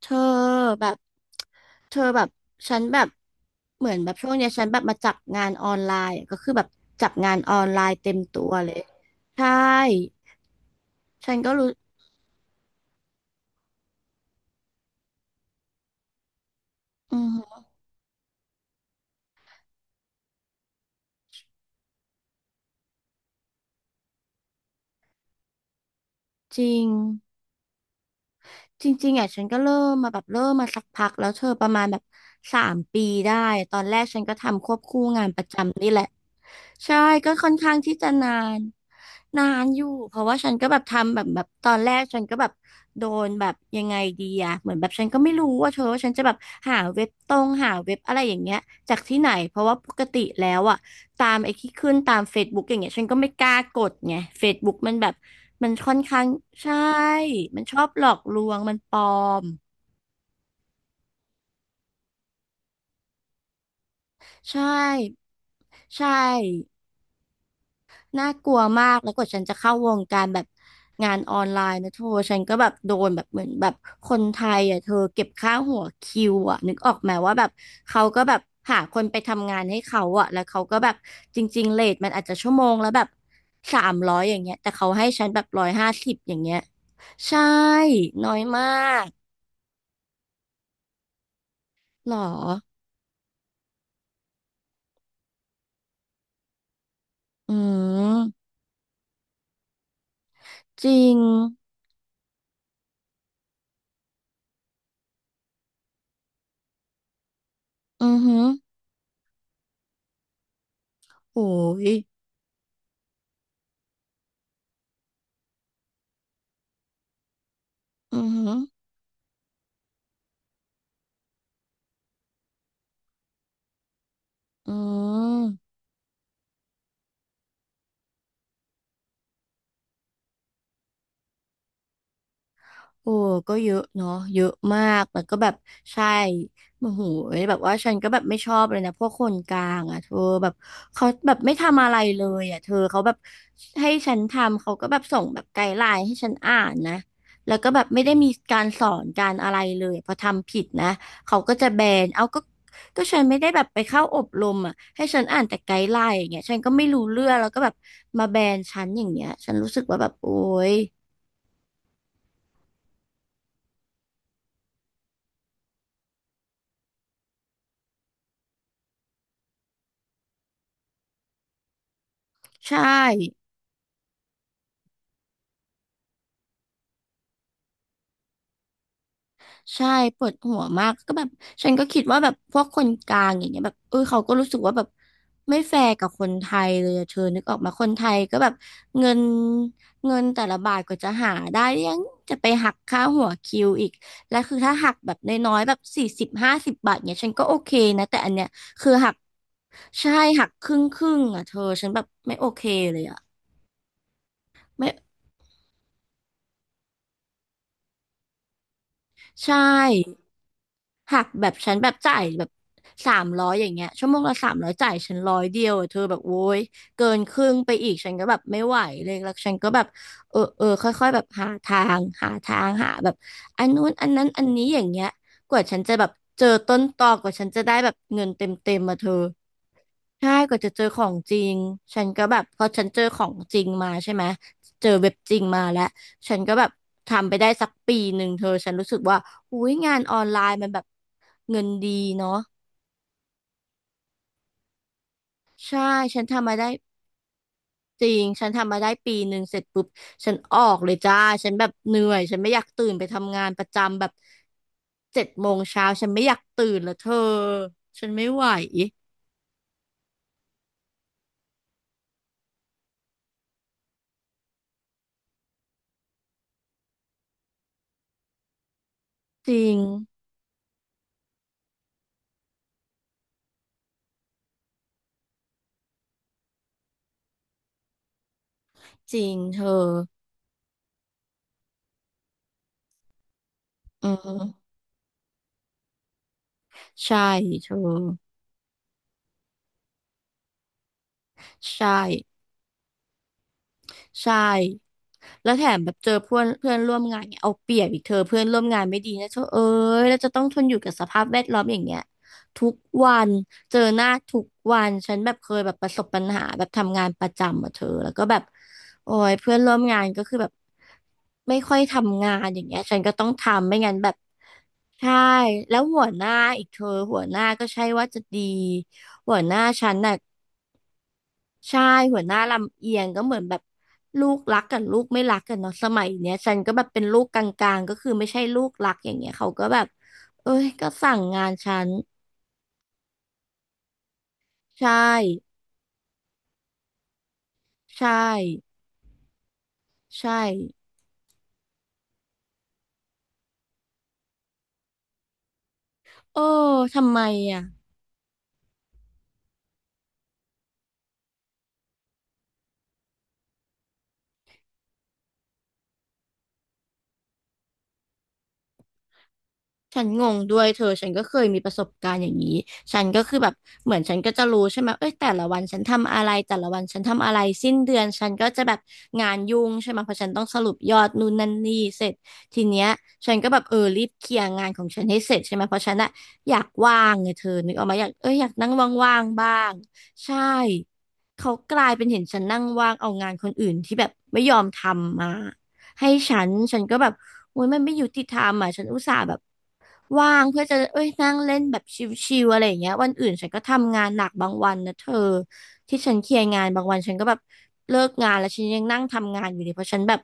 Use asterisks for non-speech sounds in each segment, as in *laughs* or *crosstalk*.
เธอแบบเธอแบบฉันแบบเหมือนแบบช่วงเนี้ยฉันแบบมาจับงานออนไลน์อะก็คือแบบจับงานออนไลน์เต็มตัวเลยใช่ฉันก็รู้อืมจริง จริงๆอ่ะฉันก็เริ่มมาแบบเริ่มมาสักพักแล้วเธอประมาณแบบ3 ปีได้ตอนแรกฉันก็ทำควบคู่งานประจำนี่แหละใช่ก็ค่อนข้างที่จะนานนานอยู่เพราะว่าฉันก็แบบทำแบบตอนแรกฉันก็แบบโดนแบบยังไงดีอะเหมือนแบบฉันก็ไม่รู้ว่าเธอว่าฉันจะแบบหาเว็บตรงหาเว็บอะไรอย่างเงี้ยจากที่ไหนเพราะว่าปกติแล้วอะ ตามไอ้ที่ขึ้นตาม Facebook อย่างเงี้ยฉันก็ไม่กล้ากดไง Facebook มันแบบมันค่อนข้างใช่ มันชอบหลอกลวงมันปลอมใช่ใช่ น่ากลัวมากแล้วกว่าฉันจะเข้าวงการแบบงานออนไลน์นะเธอฉันก็แบบโดนแบบเหมือนแบบคนไทยอ่ะเธอเก็บค่าหัวคิวอ่ะนึกออกไหมว่าแบบเขาก็แบบหาคนไปทำงานให้เขาอ่ะแล้วเขาก็แบบจริงๆเรทมันอาจจะชั่วโมงแล้วแบบสามร้อยอย่างเงี้ยแต่เขาให้ฉันแบบ150อย่างเงี้ยใช่น้อยมากหรออืมจริงอือหือโอ้ยอือหืออืม โอ้ก็เยอะเนาะเยอะมากแต่ก็แบบใช่โมโหแบบว่าฉันก็แบบไม่ชอบเลยนะพวกคนกลางอ่ะเธอแบบเขาแบบไม่ทำอะไรเลยอ่ะเธอเขาแบบให้ฉันทำเขาก็แบบส่งแบบไกด์ไลน์ให้ฉันอ่านนะแล้วก็แบบไม่ได้มีการสอนการอะไรเลยพอทำผิดนะเขาก็จะแบนเอาก็ก็ฉันไม่ได้แบบไปเข้าอบรมอ่ะให้ฉันอ่านแต่ไกด์ไลน์อย่างเงี้ยฉันก็ไม่รู้เรื่องแล้วก็แบบมาแบนฉันอย่างเงี้ยฉันรู้สึกว่าแบบโอ๊ยใช่ ใช่ปวดหัวมากก็แบบฉันก็คิดว่าแบบพวกคนกลางอย่างเงี้ยแบบเออเขาก็รู้สึกว่าแบบไม่แฟร์กับคนไทยเลยอะเธอนึกออกมาคนไทยก็แบบเงินเงินแต่ละบาทก็จะหาได้ยังจะไปหักค่าหัวคิวอีกและคือถ้าหักแบบน้อยๆแบบ40 50 บาทเนี่ยฉันก็โอเคนะแต่อันเนี้ยคือหักใช่หักครึ่งอะเธอฉันแบบไม่โอเคเลยอะไม่ใช่ หักแบบฉันแบบจ่ายแบบสามร้อยอย่างเงี้ยชั่วโมงละสามร้อยจ่ายฉันร้อยเดียวอะเธอแบบโว้ยเกินครึ่งไปอีกฉันก็แบบไม่ไหวเลยแล้วฉันก็แบบเออค่อยๆแบบหาทางหาทางหาแบบอันนู้นอันนั้นอันนี้อย่างเงี้ยกว่าฉันจะแบบเจอต้นตอกว่าฉันจะได้แบบเงินเต็มเต็มมาเธอ ใช่กว่าจะเจอของจริงฉันก็แบบพอฉันเจอของจริงมาใช่ไหม เจอเว็บจริงมาแล้ว ฉันก็แบบทำไปได้สักปีหนึ่งเธอฉันรู้สึกว่าอุ้ยงานออนไลน์มันแบบเงินดีเนาะใช่ฉันทำมาได้จริง ฉันทำมาได้ปีหนึ่งเสร็จปุ๊บฉันออกเลยจ้า ฉันแบบเหนื่อย ฉันไม่อยากตื่นไปทำงานประจำแบบ7 โมงเช้าฉันไม่อยากตื่นแล้วเธอฉันไม่ไหวจริงจริงเธออืมใช่เธอ ใช่ใช่แล้วแถมแบบเจอเพื่อนเพื่อนร่วมงานเนี่ยเอาเปรียบอีกเธอเพื่อนร่วมงานไม่ดีนะเธอเอ้ยแล้วจะต้องทนอยู่กับสภาพแวดล้อมอย่างเงี้ยทุกวันเจอหน้าทุกวันฉันแบบเคยแบบประสบปัญหาแบบทำงานประจำอะเธอแล้วก็แบบโอ้ยเพื่อนร่วมงานก็คือแบบไม่ค่อยทำงานอย่างเงี้ยฉันก็ต้องทำไม่งั้นแบบใช่แล้วหัวหน้าอีกเธอหัวหน้าก็ใช่ว่าจะดีหัวหน้าฉันน่ะ ใช่หัวหน้าลำเอียงก็เหมือนแบบลูกรักกับลูกไม่รักกันเนาะสมัยเนี้ยฉันก็แบบเป็นลูกกลางๆก็คือไม่ใช่ลูกรักอย่างเงี้ยเขาก็แบบเอ้ยก็สั่งงานฉันใช่ใช่ใช่โอ้ทำไมอ่ะ ฉันงงด้วยเธอฉันก็เคยมีประสบการณ์อย่างนี้ฉันก็คือแบบเหมือนฉันก็จะรู้ใช่ไหมเอ้ยแต่ละวันฉันทำอะไรแต่ละวันฉันทำอะไรสิ้นเดือนฉันก็จะแบบงานยุ่งใช่ไหมเพราะฉันต้องสรุปยอดนู่นนั่นนี่เสร็จทีเนี้ยฉันก็แบบเออรีบเคลียร์งานของฉันให้เสร็จใช่ไหมเพราะฉันอะอยากว่างไงเธอนึกออกมาอยากเอ้ยอยากนั่งว่างๆบ้างใช่เขากลายเป็นเห็นฉันนั่งว่างเอางานคนอื่นที่แบบไม่ยอมทำมา ให้ฉันก็แบบโอ้ยมันไม่ยุติธรรมอ่ะฉันอุตส่าห์แบบว่างเพื่อจะเอ้ยนั่งเล่นแบบชิลๆอะไรอย่างเงี้ยวันอื่นฉันก็ทำงานหนักบางวันนะเธอที่ฉันเคลียร์งานบางวันฉันก็แบบเลิกงานแล้วฉันยังนั่งทำงานอยู่เลยเพราะฉันแบบ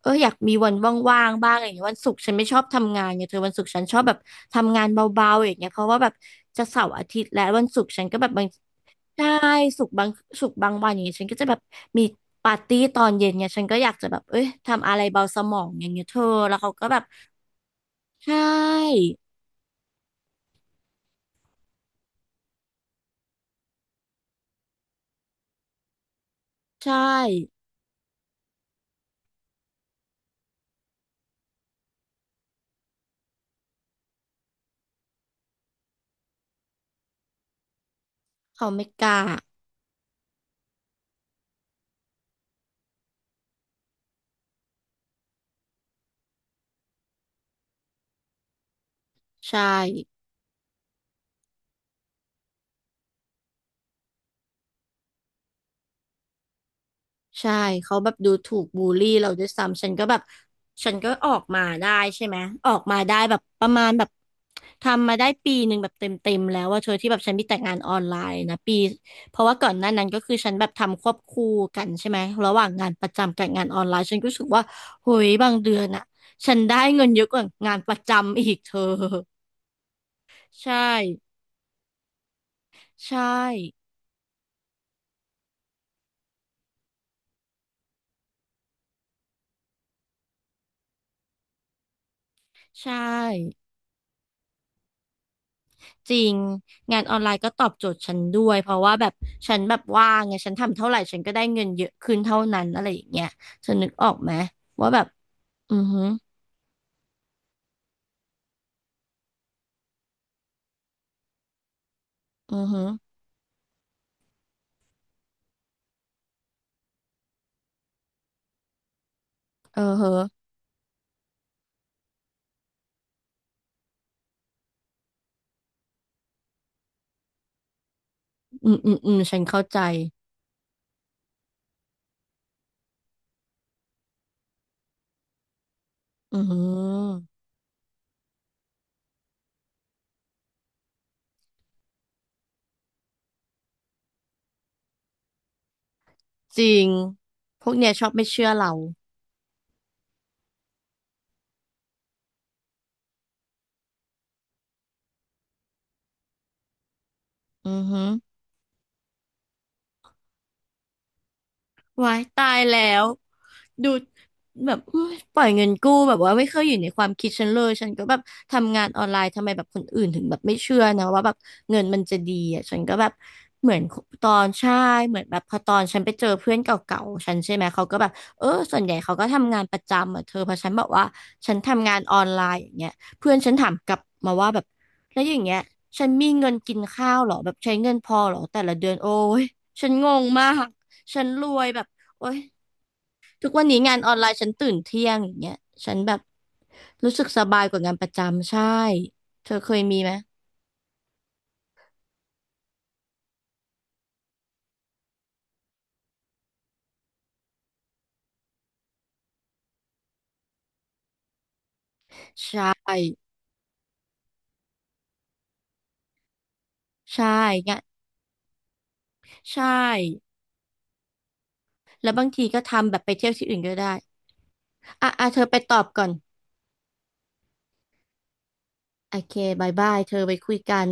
เอออยากมีวันว่างๆบ้างอะไรอย่างเงี้ยวันศุกร์ฉันไม่ชอบทำงานไงเธอวันศุกร์ฉันชอบแบบทำงานเบาๆอย่างเงี้ยเพราะว่าแบบจะเสาร์อาทิตย์แล้ววันศุกร์ฉันก็แบบบาง ใช่สุกร์บางสุกร์บางวันอย่างเงี้ยฉันก็จะแบบมีปาร์ตี้ตอนเย็นเนี่ยฉันก็อยากจะแบบเอ้ยทำอะไรเบาสมองอย่างเงี้ยเธอแล้วเขาก็แบบใช่ใช่เขาไม่กล้าใช่ ใช่เขาแบบดูถูกบูลลี่เราด้วยซ้ำฉันก็แบบฉันก็ออกมาได้ใช่ไหมออกมาได้แบบประมาณแบบทำมาได้ปีหนึ่งแบบเต็มแล้วว่าเธอที่แบบฉันมีแต่งานออนไลน์นะปีเพราะว่าก่อนหน้านั้นก็คือฉันแบบทำควบคู่กันใช่ไหมระหว่างงานประจำกับงานออนไลน์ฉันก็รู้สึกว่าเฮ้ยบางเดือนอะฉันได้เงินเยอะกว่างานประจำอีกเธอ *laughs* ใช่ใช่ใช่ จริงงานออนไลน์ก็ตอบโจทย์ฉันด้วยเพราะว่าแบบฉันแบบว่างไงฉันทำเท่าไหร่ฉันก็ได้เงินเยอะขึ้นเท่านั้นอะไรอย่างเงี้ยเธอนึกออกไหมว่าแบบอือหืออือหือเออเหอะอืมอืมอืมฉันเข้าใจอือหือจริงพวกเนี้ยชอบไม่เชื่อเราอือหือว้ายตายแล้ว ดูแบบอุ๊ยปล่อยเงินกู้แบบว่าไม่เคยอยู่ในความคิดฉันเลยฉันก็แบบทำงานออนไลน์ทำไมแบบคนอื่นถึงแบบไม่เชื่อนะว่าแบบเงินมันจะดีอ่ะฉันก็แบบเหมือนตอนใช่เหมือนแบบพอตอนฉันไปเจอเพื่อนเก่าๆฉันใช่ไหมเขาก็แบบเออส่วนใหญ่เขาก็ทำงานประจำอ่ะเธอเพอฉันบอกว่าฉันทำงานออนไลน์อย่างเงี้ยเพื่อนฉันถามกลับมาว่าแบบแล้วอย่างเงี้ยฉันมีเงินกินข้าวเหรอแบบใช้เงินพอเหรอแต่ละเดือนโอ้ยฉันงงมากฉันรวยแบบโอ้ย ทุกวันนี้งานออนไลน์ฉันตื่นเที่ยงอย่างเงี้ยฉันแบบรู้สึกสบายกว่างานประจำใช่เธอเคยมีไหมใช่ใช่งานใช่แล้วบางทีก็ทำแบบไปเที่ยวที่อื่นก็ได้อ่ะอ่ะเธอไปตอบก่อนโอเคบายบายเธอไปคุยกัน